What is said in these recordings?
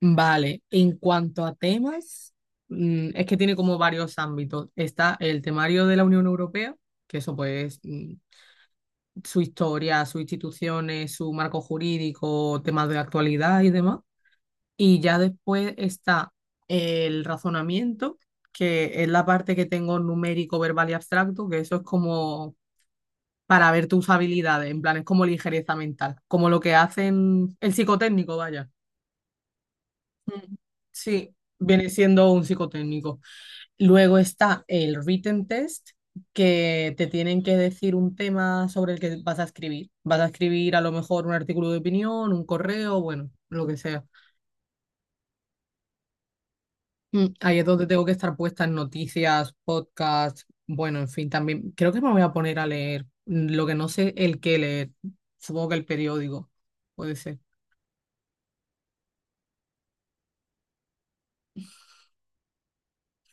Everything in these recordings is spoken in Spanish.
Vale, en cuanto a temas, es que tiene como varios ámbitos. Está el temario de la Unión Europea, que eso pues su historia, sus instituciones, su marco jurídico, temas de actualidad y demás. Y ya después está el razonamiento, que es la parte que tengo numérico, verbal y abstracto, que eso es como para ver tus habilidades, en plan es como ligereza mental, como lo que hacen el psicotécnico, vaya. Sí, viene siendo un psicotécnico. Luego está el written test, que te tienen que decir un tema sobre el que vas a escribir. Vas a escribir a lo mejor un artículo de opinión, un correo, bueno, lo que sea. Ahí es donde tengo que estar puesta en noticias, podcasts, bueno, en fin, también creo que me voy a poner a leer lo que no sé el qué leer. Supongo que el periódico, puede ser.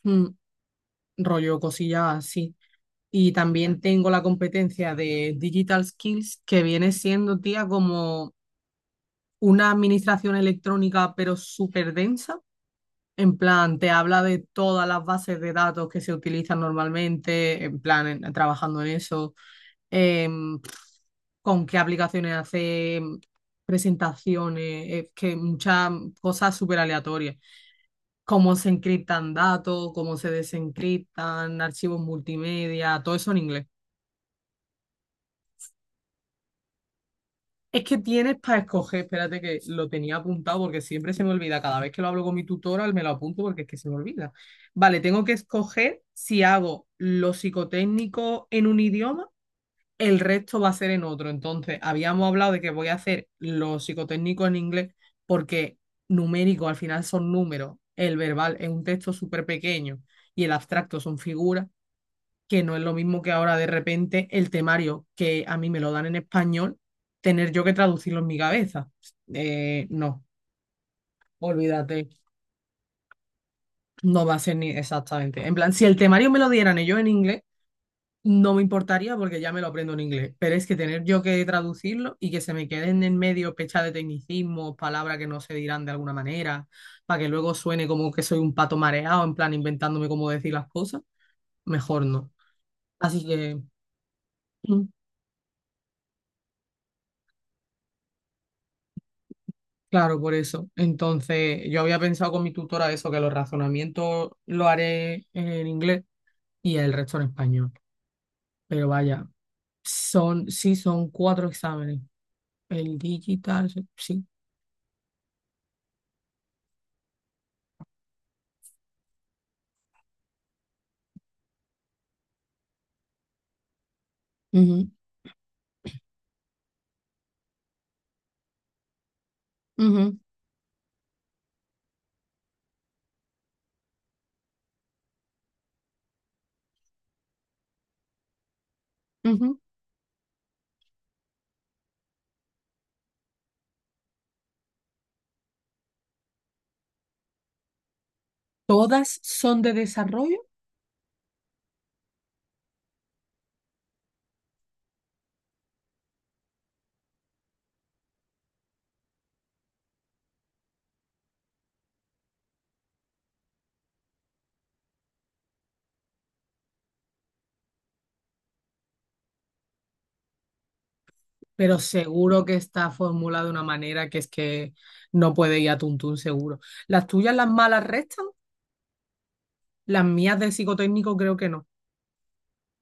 Mm. Rollo cosillas así. Y también tengo la competencia de Digital Skills, que viene siendo, tía, como una administración electrónica pero súper densa. En plan, te habla de todas las bases de datos que se utilizan normalmente, en plan, trabajando en eso, em, con qué aplicaciones hace presentaciones, es que muchas cosas súper aleatorias. Cómo se encriptan datos, cómo se desencriptan, archivos multimedia, todo eso en inglés. Es que tienes para escoger, espérate que lo tenía apuntado porque siempre se me olvida. Cada vez que lo hablo con mi tutora me lo apunto porque es que se me olvida. Vale, tengo que escoger si hago lo psicotécnico en un idioma, el resto va a ser en otro. Entonces, habíamos hablado de que voy a hacer lo psicotécnico en inglés porque numérico al final son números, el verbal es un texto súper pequeño y el abstracto son figuras que no es lo mismo que ahora de repente el temario que a mí me lo dan en español, tener yo que traducirlo en mi cabeza. No, olvídate, no va a ser ni exactamente. En plan, si el temario me lo dieran ellos en inglés, no me importaría porque ya me lo aprendo en inglés, pero es que tener yo que traducirlo y que se me queden en medio pechas de tecnicismos, palabras que no se dirán de alguna manera, para que luego suene como que soy un pato mareado, en plan inventándome cómo decir las cosas, mejor no. Así que mm. Claro, por eso. Entonces, yo había pensado con mi tutora eso, que los razonamientos lo haré en inglés y el resto en español. Pero vaya, son, sí, son cuatro exámenes. El digital, sí. Ujú, ujú, ujú. Todas son de desarrollo, pero seguro que está formulada de una manera que es que no puede ir a tuntún seguro. Las tuyas, las malas restan, las mías del psicotécnico creo que no.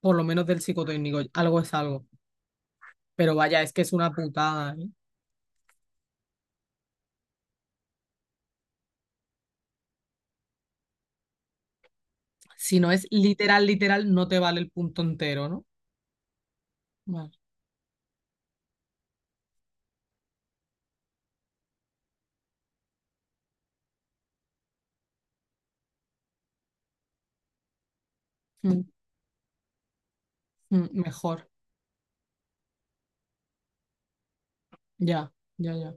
Por lo menos del psicotécnico, algo es algo. Pero vaya, es que es una putada, ¿eh? Si no es literal, literal, no te vale el punto entero, ¿no? Vale. Mm, mm, mejor. Ya, ya, ya.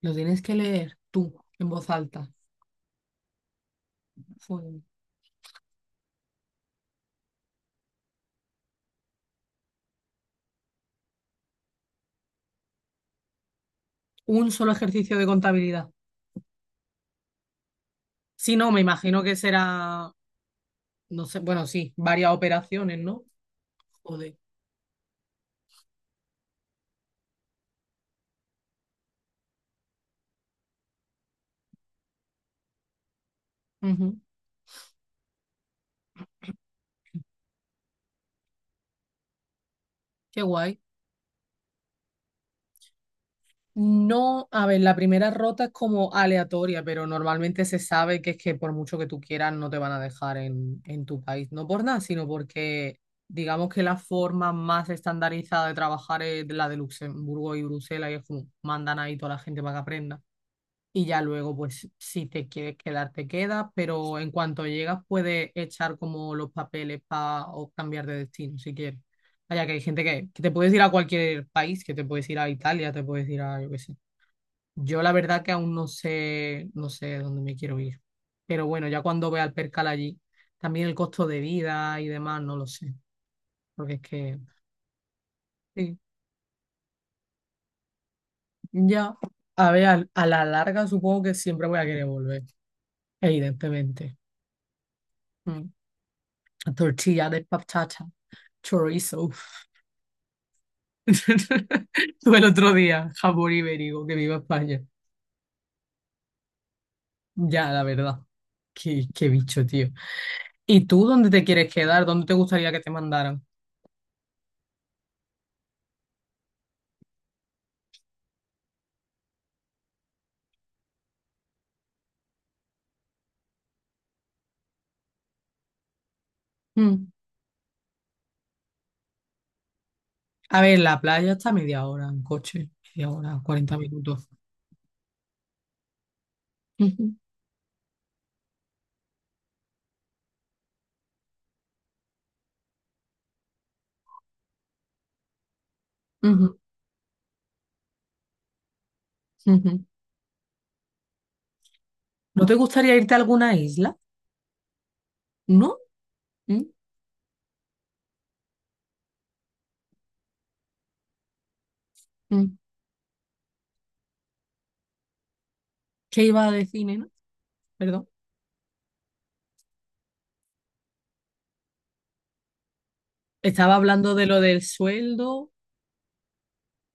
Lo tienes que leer tú, en voz alta. Fue un solo ejercicio de contabilidad. Si no, me imagino que será, no sé, bueno, sí, varias operaciones, ¿no? Joder. Ujú. Qué guay. No, a ver, la primera rota es como aleatoria, pero normalmente se sabe que es que por mucho que tú quieras no te van a dejar en tu país. No por nada, sino porque digamos que la forma más estandarizada de trabajar es la de Luxemburgo y Bruselas y es como mandan ahí toda la gente para que aprenda. Y ya luego, pues si te quieres quedar, te quedas, pero en cuanto llegas puedes echar como los papeles para o cambiar de destino si quieres. Vaya, que hay gente que te puedes ir a cualquier país, que te puedes ir a Italia, te puedes ir a, yo qué sé, yo la verdad que aún no sé, no sé dónde me quiero ir. Pero bueno, ya cuando vea el percal allí, también el costo de vida y demás, no lo sé. Porque es que, sí, ya, a ver, la larga supongo que siempre voy a querer volver, evidentemente. Mm. Tortilla de patata, chorizo. Tuve el otro día, jamón ibérico, que viva España. Ya, la verdad. Qué bicho, tío. ¿Y tú dónde te quieres quedar? ¿Dónde te gustaría que te mandaran? Mm. A ver, la playa está a media hora en coche, media hora, 40 minutos. Ujú, ujú, ujú. ¿No te gustaría irte a alguna isla? ¿No? ¿Mm? ¿Mm? ¿Qué iba a decir, nena? Perdón. Estaba hablando de lo del sueldo.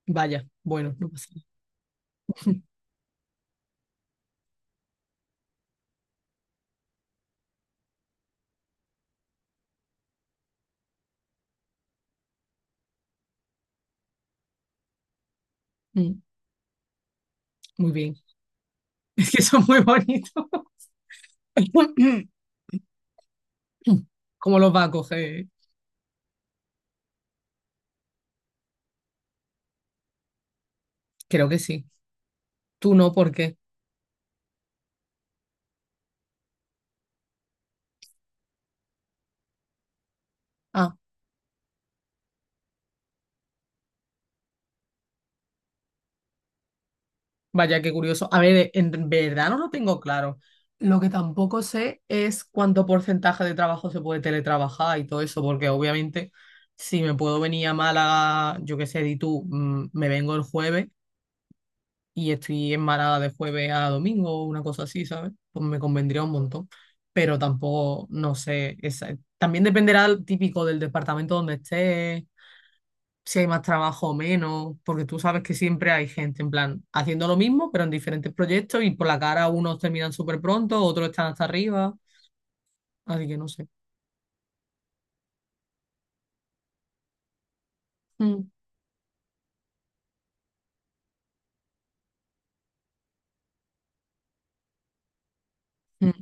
Vaya, bueno, no pasa nada. Mm. Muy bien. Es que son muy bonitos. ¿Cómo los va a coger? Creo que sí. Tú no, ¿por qué? Vaya, qué curioso. A ver, en verdad no lo tengo claro. Lo que tampoco sé es cuánto porcentaje de trabajo se puede teletrabajar y todo eso, porque obviamente si me puedo venir a Málaga, yo qué sé, di tú, me vengo el jueves y estoy en Málaga de jueves a domingo o una cosa así, ¿sabes? Pues me convendría un montón, pero tampoco, no sé, esa- también dependerá el típico del departamento donde esté si hay más trabajo o menos, porque tú sabes que siempre hay gente en plan haciendo lo mismo, pero en diferentes proyectos y por la cara unos terminan súper pronto, otros están hasta arriba, así que no sé. Mm, mm.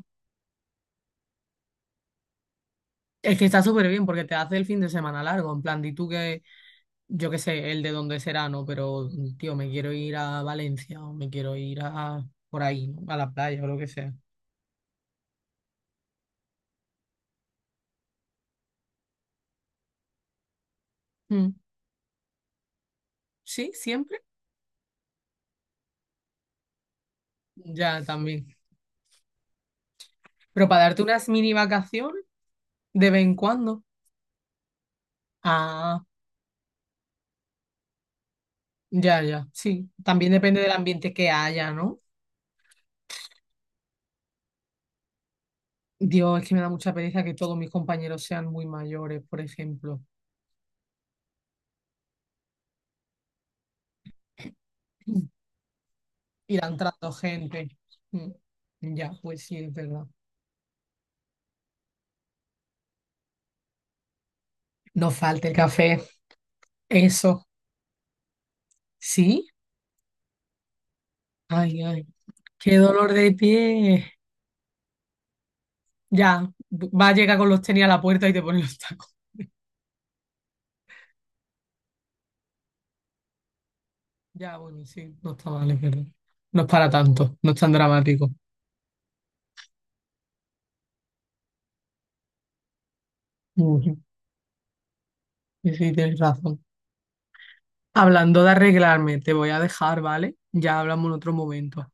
Es que está súper bien porque te hace el fin de semana largo, en plan, di tú que, yo qué sé, el de dónde será, ¿no? Pero, tío, me quiero ir a Valencia o me quiero ir a por ahí, ¿no? A la playa o lo que sea. Mm. Sí, siempre. Ya, también. Pero para darte unas mini vacaciones de vez en cuando. Ah. Ya, ya, sí. También depende del ambiente que haya, ¿no? Dios, es que me da mucha pereza que todos mis compañeros sean muy mayores, por ejemplo. Mm. Ir entrando gente. Mm. Ya, pues sí, es verdad. No falta el café. Eso. ¿Sí? Ay, ay. Qué dolor de pie. Ya, va a llegar con los tenis a la puerta y te pone los tacos. Ya, bueno, sí, no está mal, es verdad. No es para tanto, no es tan dramático. Ujú. Sí, sí, tienes razón. Hablando de arreglarme, te voy a dejar, ¿vale? Ya hablamos en otro momento.